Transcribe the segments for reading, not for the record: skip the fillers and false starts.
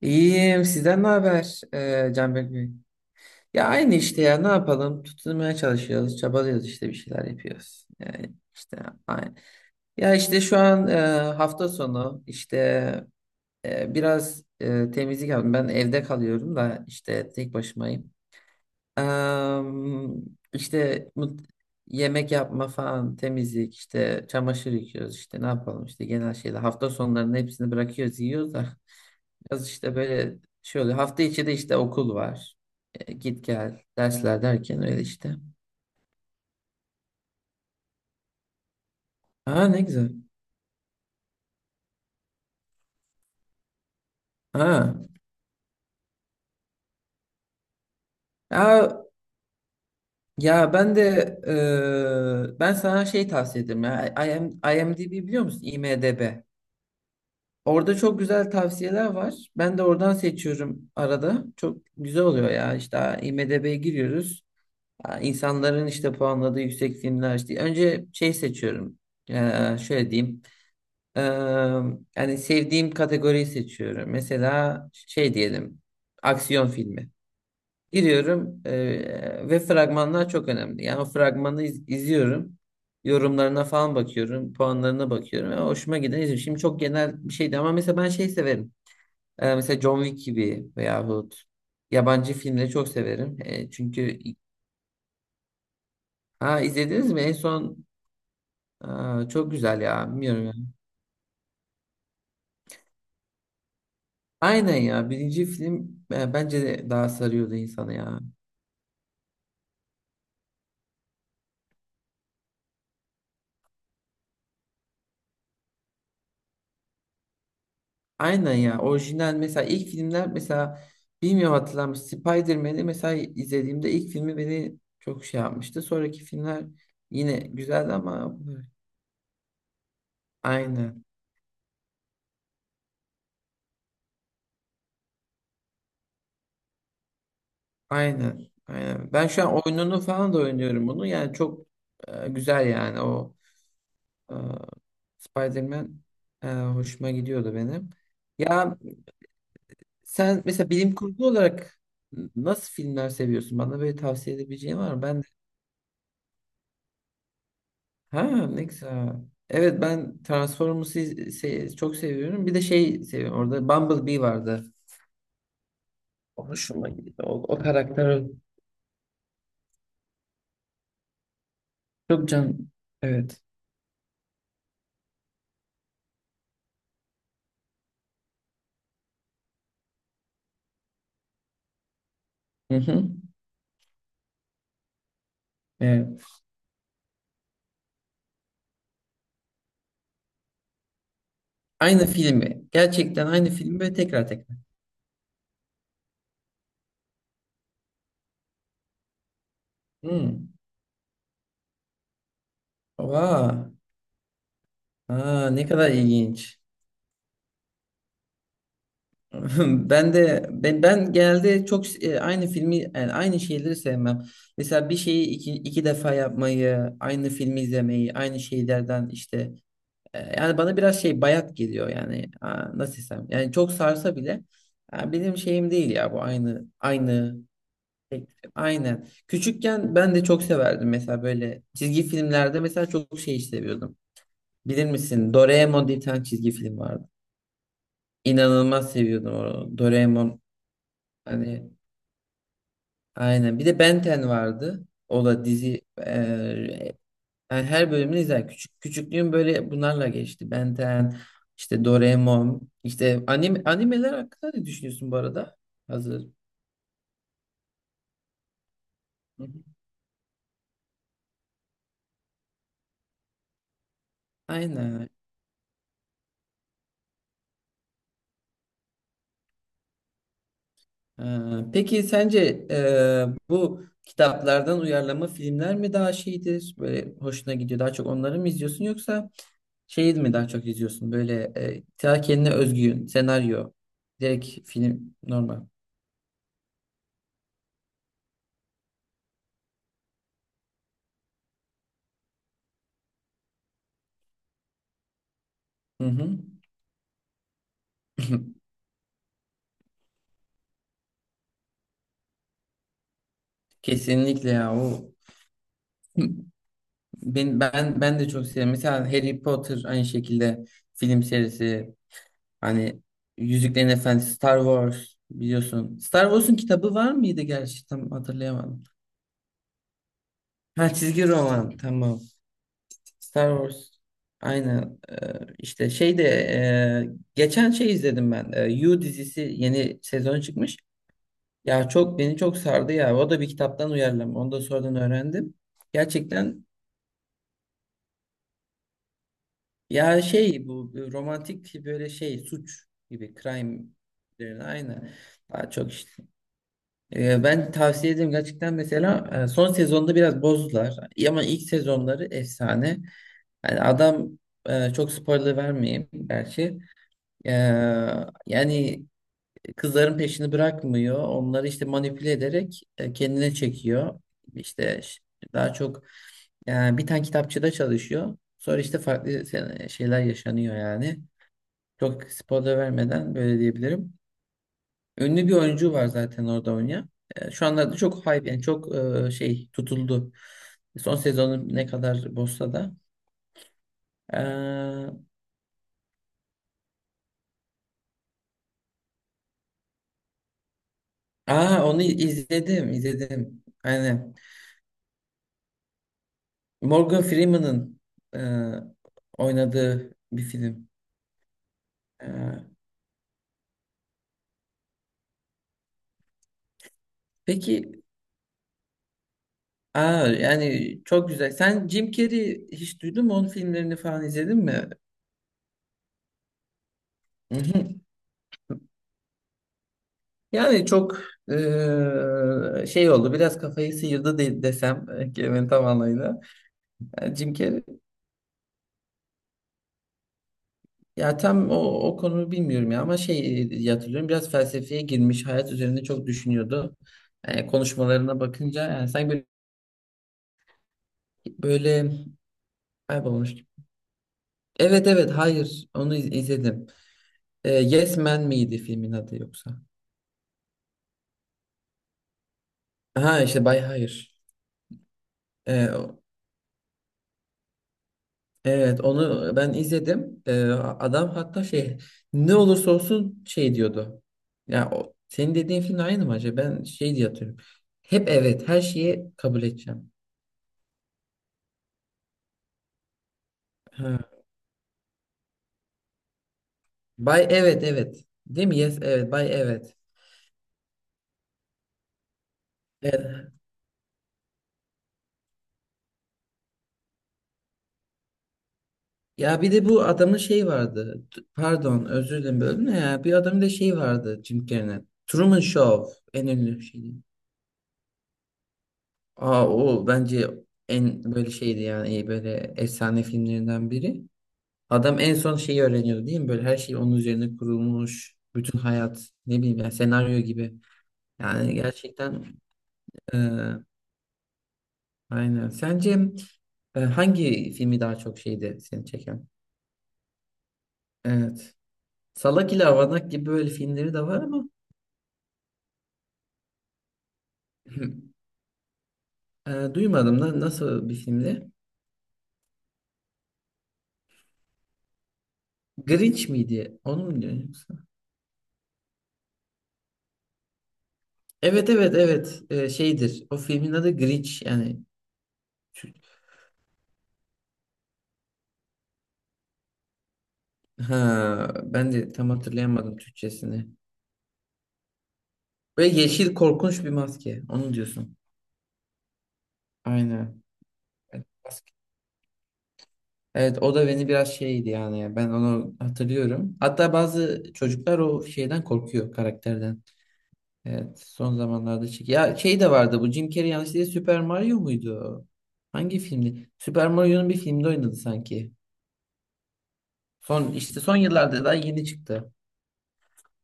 İyiyim. Sizden ne haber Canberk Bey? Ya aynı işte ya ne yapalım? Tutunmaya çalışıyoruz, çabalıyoruz işte bir şeyler yapıyoruz. Yani işte aynı. Ya işte şu an hafta sonu işte biraz temizlik yaptım. Ben evde kalıyorum da işte tek başımayım. Em, işte mut- yemek yapma falan, temizlik, işte çamaşır yıkıyoruz, işte ne yapalım işte genel şeyler. Hafta sonlarının hepsini bırakıyoruz, yiyoruz da biraz işte böyle şey oluyor. Hafta içi de işte okul var. Git gel, dersler derken öyle işte. Aa ne güzel. Ha. Ya, ya ben de ben sana şey tavsiye ederim ya. I- IM IMDb biliyor musun? IMDb. Orada çok güzel tavsiyeler var. Ben de oradan seçiyorum arada. Çok güzel oluyor ya. İşte IMDb'ye giriyoruz. Aa, İnsanların işte puanladığı yüksek filmler işte. Önce şey seçiyorum. Şöyle diyeyim. Ee, yani sevdiğim kategoriyi seçiyorum. Mesela şey diyelim. Aksiyon filmi. Giriyorum ve fragmanlar çok önemli. Yani o fragmanı izliyorum. Yorumlarına falan bakıyorum. Puanlarına bakıyorum. Ya hoşuma giden izliyorum. Şimdi çok genel bir şeydi ama mesela ben şey severim. Mesela John Wick gibi veyahut yabancı filmleri çok severim. Çünkü ha, izlediniz mi en son? Aa, çok güzel ya bilmiyorum ya. Aynen ya birinci film bence de daha sarıyordu insanı ya. Aynen ya orijinal mesela ilk filmler mesela bilmiyorum hatırlar mısın? Spider-Man'i mesela izlediğimde ilk filmi beni çok şey yapmıştı. Sonraki filmler yine güzeldi ama aynen. Aynen. Aynen. Ben şu an oyununu falan da oynuyorum bunu. Yani çok güzel yani o e, Spider-Man hoşuma gidiyordu benim. Ya sen mesela bilim kurgu olarak nasıl filmler seviyorsun? Bana böyle tavsiye edebileceğin var mı? Ben de ha ne güzel. Evet ben Transformers'ı çok seviyorum. Bir de şey seviyorum. Orada Bumblebee vardı. O hoşuma gidiyor. O, o karakter çok can. Evet. Hı hı. Evet. Aynı filmi. Gerçekten aynı filmi ve tekrar tekrar. Hmm. Oha. Aa, ne kadar ilginç. Ben de ben genelde çok aynı filmi yani aynı şeyleri sevmem. Mesela bir şeyi iki defa yapmayı, aynı filmi izlemeyi, aynı şeylerden işte yani bana biraz şey bayat geliyor yani. Aa, nasıl desem? Yani çok sarsa bile yani benim şeyim değil ya bu aynı aynı Tek- aynen. Küçükken ben de çok severdim mesela böyle çizgi filmlerde mesela çok şey seviyordum. Bilir misin? Doraemon diye bir tane çizgi film vardı. İnanılmaz seviyordum onu. Doraemon hani aynen. Bir de Ben 10 vardı. O da dizi yani her bölümünü izler. Küçük küçüklüğüm böyle bunlarla geçti. Ben 10, işte Doraemon, işte anime, animeler hakkında ne düşünüyorsun bu arada? Hazır. Hı hı. Aynen. Peki sence bu kitaplardan uyarlama filmler mi daha şeydir? Böyle hoşuna gidiyor. Daha çok onları mı izliyorsun yoksa şey mi daha çok izliyorsun? Böyle ta kendine özgü senaryo. Direkt film normal. Hı hı. Kesinlikle ya o. Ben de çok seviyorum. Mesela Harry Potter aynı şekilde film serisi. Hani Yüzüklerin Efendisi, Star Wars biliyorsun. Star Wars'un kitabı var mıydı gerçi? Tam hatırlayamadım. Ha çizgi roman tamam. Star Wars. Aynen. İşte şey de geçen şey izledim ben. You dizisi yeni sezon çıkmış. Ya çok beni çok sardı ya. O da bir kitaptan uyarlama. Onu da sonradan öğrendim. Gerçekten ya şey bu romantik böyle şey suç gibi crime üzerine aynen. Daha çok işte ben tavsiye ederim gerçekten mesela son sezonda biraz bozdular ama ilk sezonları efsane. Yani adam çok spoiler vermeyeyim gerçi. E, yani kızların peşini bırakmıyor. Onları işte manipüle ederek kendine çekiyor. İşte ş- daha çok bir tane kitapçıda çalışıyor. Sonra işte farklı şeyler yaşanıyor yani. Çok spoiler vermeden böyle diyebilirim. Ünlü bir oyuncu var zaten orada oynayan. Şu anlarda çok hype yani çok şey tutuldu. Son sezonu ne kadar bozsa da. E, Aa onu izledim izledim. Aynen. Morgan Freeman'ın e, oynadığı bir film. E, peki aa, yani çok güzel. Sen Jim Carrey hiç duydun mu? Onun filmlerini falan izledin mi? Hı hı. Yani çok şey oldu. Biraz kafayı sıyırdı desem kelimenin tam anlamıyla. Yani Jim Carrey ya tam o konuyu bilmiyorum ya ama şey diye hatırlıyorum biraz felsefeye girmiş hayat üzerinde çok düşünüyordu. Yani konuşmalarına bakınca yani sanki böyle, böyle kaybolmuş gibi. Evet hayır onu izledim. Yes Man miydi filmin adı yoksa? Ha işte Bay Hayır. Ee, o- evet onu ben izledim. Adam hatta şey ne olursa olsun şey diyordu. Ya senin dediğin film aynı mı acaba? Ben şey diye hatırlıyorum. Hep evet her şeyi kabul edeceğim. Ha. Bay evet evet. Değil mi? Yes evet. Bay evet. Evet. Ya bir de bu adamın şey vardı. Pardon özür dilerim böldüm de ya. Bir adamın da şey vardı Jim Carrey'nin. Truman Show en ünlü şeydi. Aa o bence en böyle şeydi yani böyle efsane filmlerinden biri. Adam en son şeyi öğreniyordu değil mi? Böyle her şey onun üzerine kurulmuş. Bütün hayat ne bileyim yani senaryo gibi. Yani gerçekten e, aynen. Sence hangi filmi daha çok şeydi seni çeken? Evet. Salak ile Avanak gibi böyle filmleri de var ama duymadım da nasıl bir filmdi? Grinch miydi? Onu mu diyorsun yoksa? Evet şeydir. O filmin adı Grinch yani. Türk- Ha, ben de tam hatırlayamadım Türkçesini. Böyle yeşil korkunç bir maske. Onu diyorsun. Aynen. Evet, maske. Evet, o da beni biraz şeydi yani. Ben onu hatırlıyorum. Hatta bazı çocuklar o şeyden korkuyor karakterden. Evet, son zamanlarda çık. Ya şey de vardı bu Jim Carrey yanlış değil Super Mario muydu? Hangi filmdi? Super Mario'nun bir filmde oynadı sanki. Son işte son yıllarda daha yeni çıktı.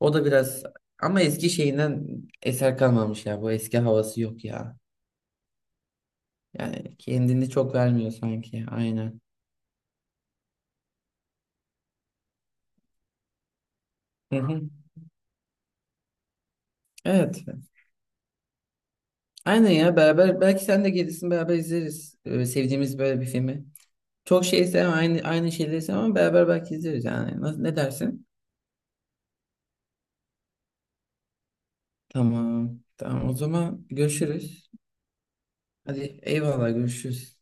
O da biraz ama eski şeyinden eser kalmamış ya. Bu eski havası yok ya. Yani kendini çok vermiyor sanki. Aynen. Hı hı. Evet. Aynen ya beraber belki sen de gelirsin beraber izleriz. Sevdiğimiz böyle bir filmi. Çok şeyse aynı şeyleri ama beraber belki izleriz yani. Nasıl, ne dersin? Tamam. Tamam o zaman görüşürüz. Hadi eyvallah görüşürüz.